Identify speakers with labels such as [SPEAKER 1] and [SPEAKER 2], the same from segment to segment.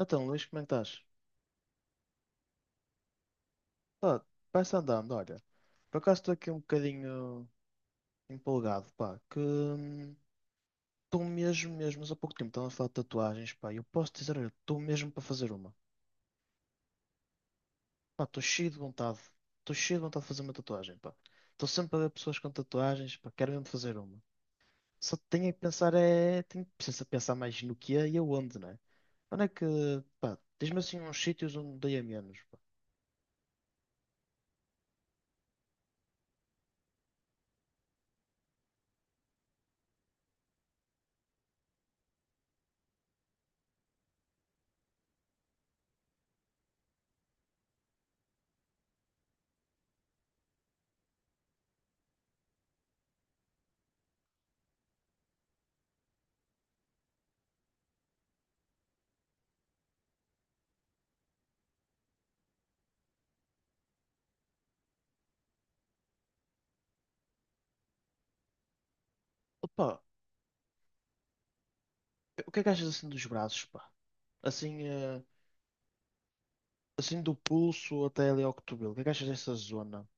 [SPEAKER 1] Então, Luís, como é que estás? Pá, vai-se andando, olha. Por acaso estou aqui um bocadinho empolgado, pá, que estou mesmo, mesmo, mas há pouco tempo estava a falar de tatuagens, pá, e eu posso dizer, olha, estou mesmo para fazer uma. Pá, estou cheio de vontade, estou cheio de vontade de fazer uma tatuagem, pá. Estou sempre a ver pessoas com tatuagens, pá, quero mesmo fazer uma. Só tenho é que pensar, é, tenho preciso pensar mais no que é e aonde, né? Onde é que, pá, diz-me assim uns sítios onde dei a menos, pá. Opa, o que é que achas assim dos braços, pá? Assim, assim do pulso até ali ao cotovelo. O que é que achas dessa zona?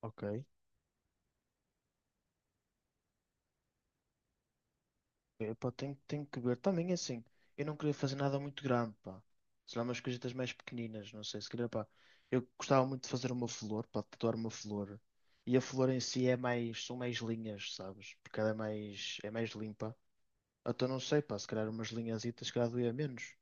[SPEAKER 1] Ok. Epá, tenho, tenho que ver. Também assim, eu não queria fazer nada muito grande, pá. Sei lá, umas coisitas mais pequeninas, não sei, se calhar, pá. Eu gostava muito de fazer uma flor, pá, de tatuar uma flor. E a flor em si é mais, são mais linhas, sabes? Porque ela é mais limpa. Então não sei, pá, se calhar umas linhazitas, se calhar doía menos.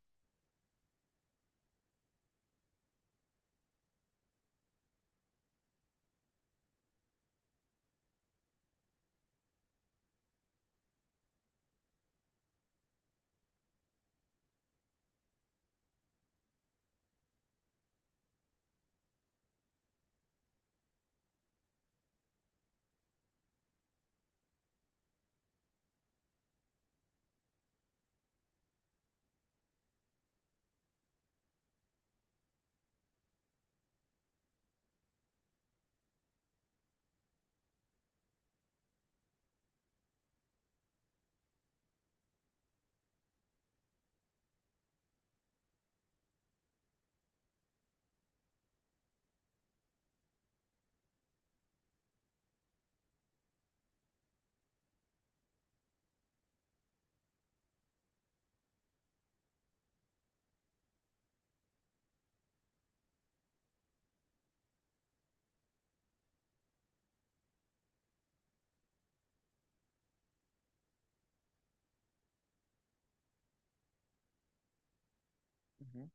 [SPEAKER 1] Uhum.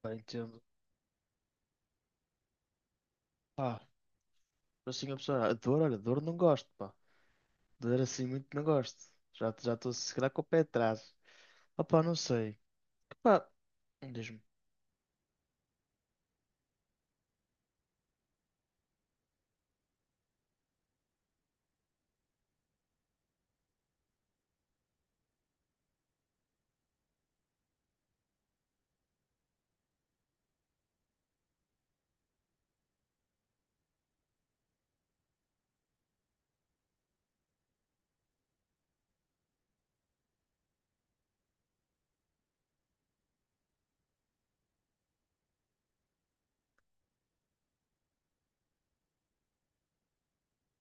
[SPEAKER 1] Pá, entendo. Pá, assim a pessoa, a dor, olha, dor não gosto, pá. Dor assim muito não gosto. Já já estou se calhar com o pé atrás. Opá, não sei. Pá, diz-me.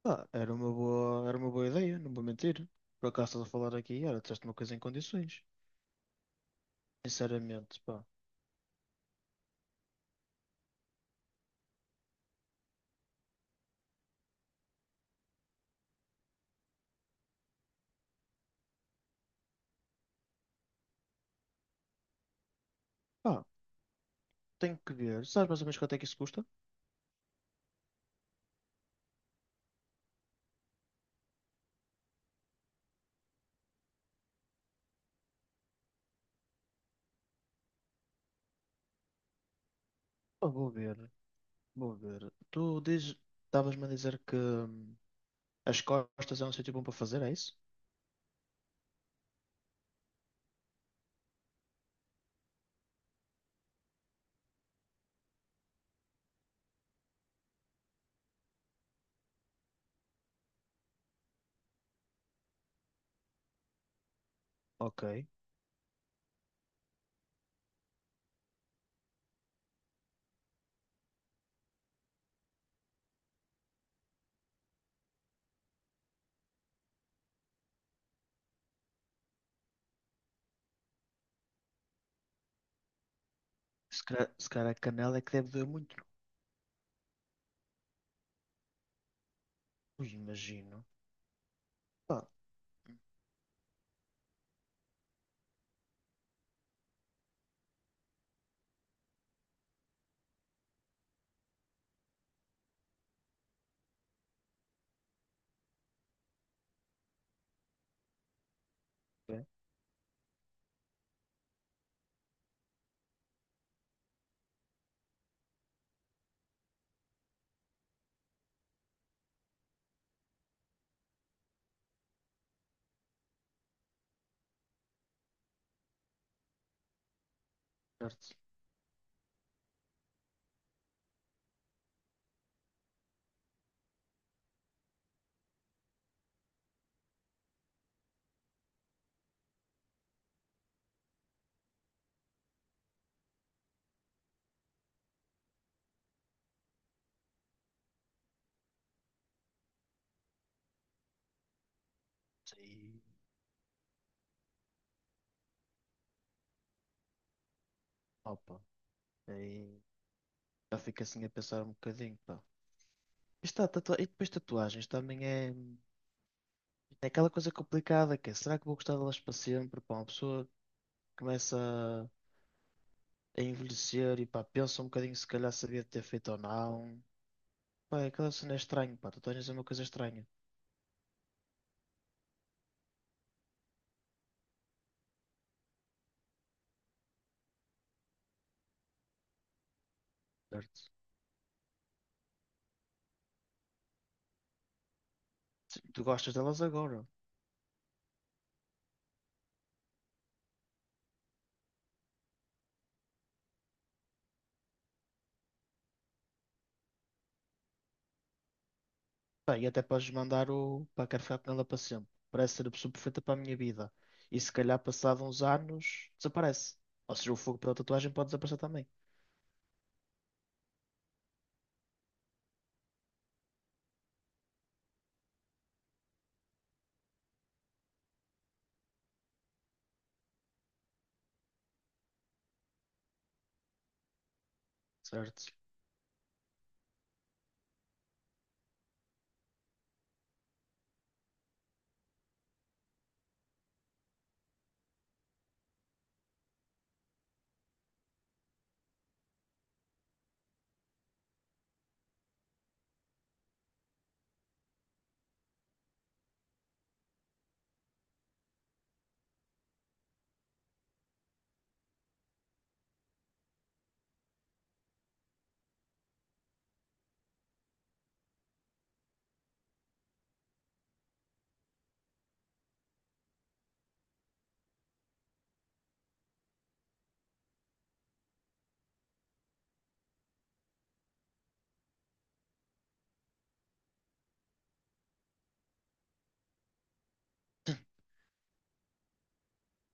[SPEAKER 1] Pá, era uma boa ideia, não vou mentir. Por acaso estás a falar aqui, olha, disseste uma coisa em condições. Sinceramente, pá. Pá, tenho que ver. Sabes mais ou menos quanto é que isso custa? Pá, vou ver, vou ver. Tu dizes, estavas-me a dizer que as costas é um sítio bom para fazer, é isso? Ok. Se calhar, se calhar a canela é que deve doer muito, imagino. Pá. Bem, certo. E, opa, aí já fico assim a pensar um bocadinho, pá. Está, tatua... E depois tatuagens também é... é aquela coisa complicada que é, será que vou gostar delas para sempre? Pá, uma pessoa começa a envelhecer e pá, pensa um bocadinho se calhar sabia ter feito ou não. Pá, é aquela cena é estranha, pá, tatuagens é uma coisa estranha. Certo. Sim, tu gostas delas agora. Pá, e até podes mandar o. Pá, quero ficar com ela para sempre. Parece ser a pessoa perfeita para a minha vida. E se calhar, passado uns anos, desaparece. Ou seja, o fogo pela tatuagem pode desaparecer também. Certo?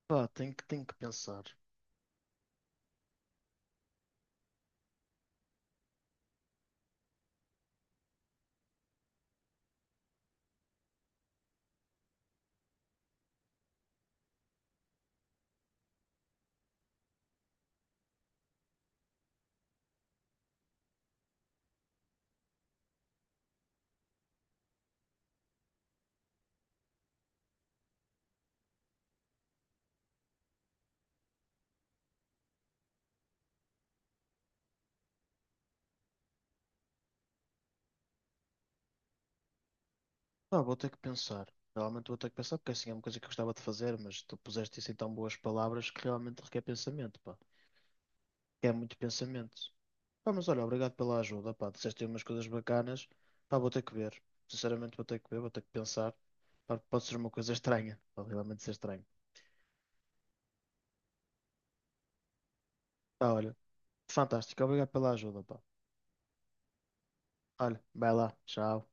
[SPEAKER 1] Pá, tenho que pensar. Pá, vou ter que pensar. Realmente vou ter que pensar, porque assim é uma coisa que eu gostava de fazer, mas tu puseste isso em tão boas palavras que realmente requer pensamento, pá. Requer muito pensamento. Pá, mas olha, obrigado pela ajuda, pá, disseste aí umas coisas bacanas, pá, vou ter que ver, sinceramente vou ter que ver, vou ter que pensar, pá, pode ser uma coisa estranha, pode realmente ser estranho. Pá, olha, fantástico, obrigado pela ajuda, pá. Olha, vai lá, tchau.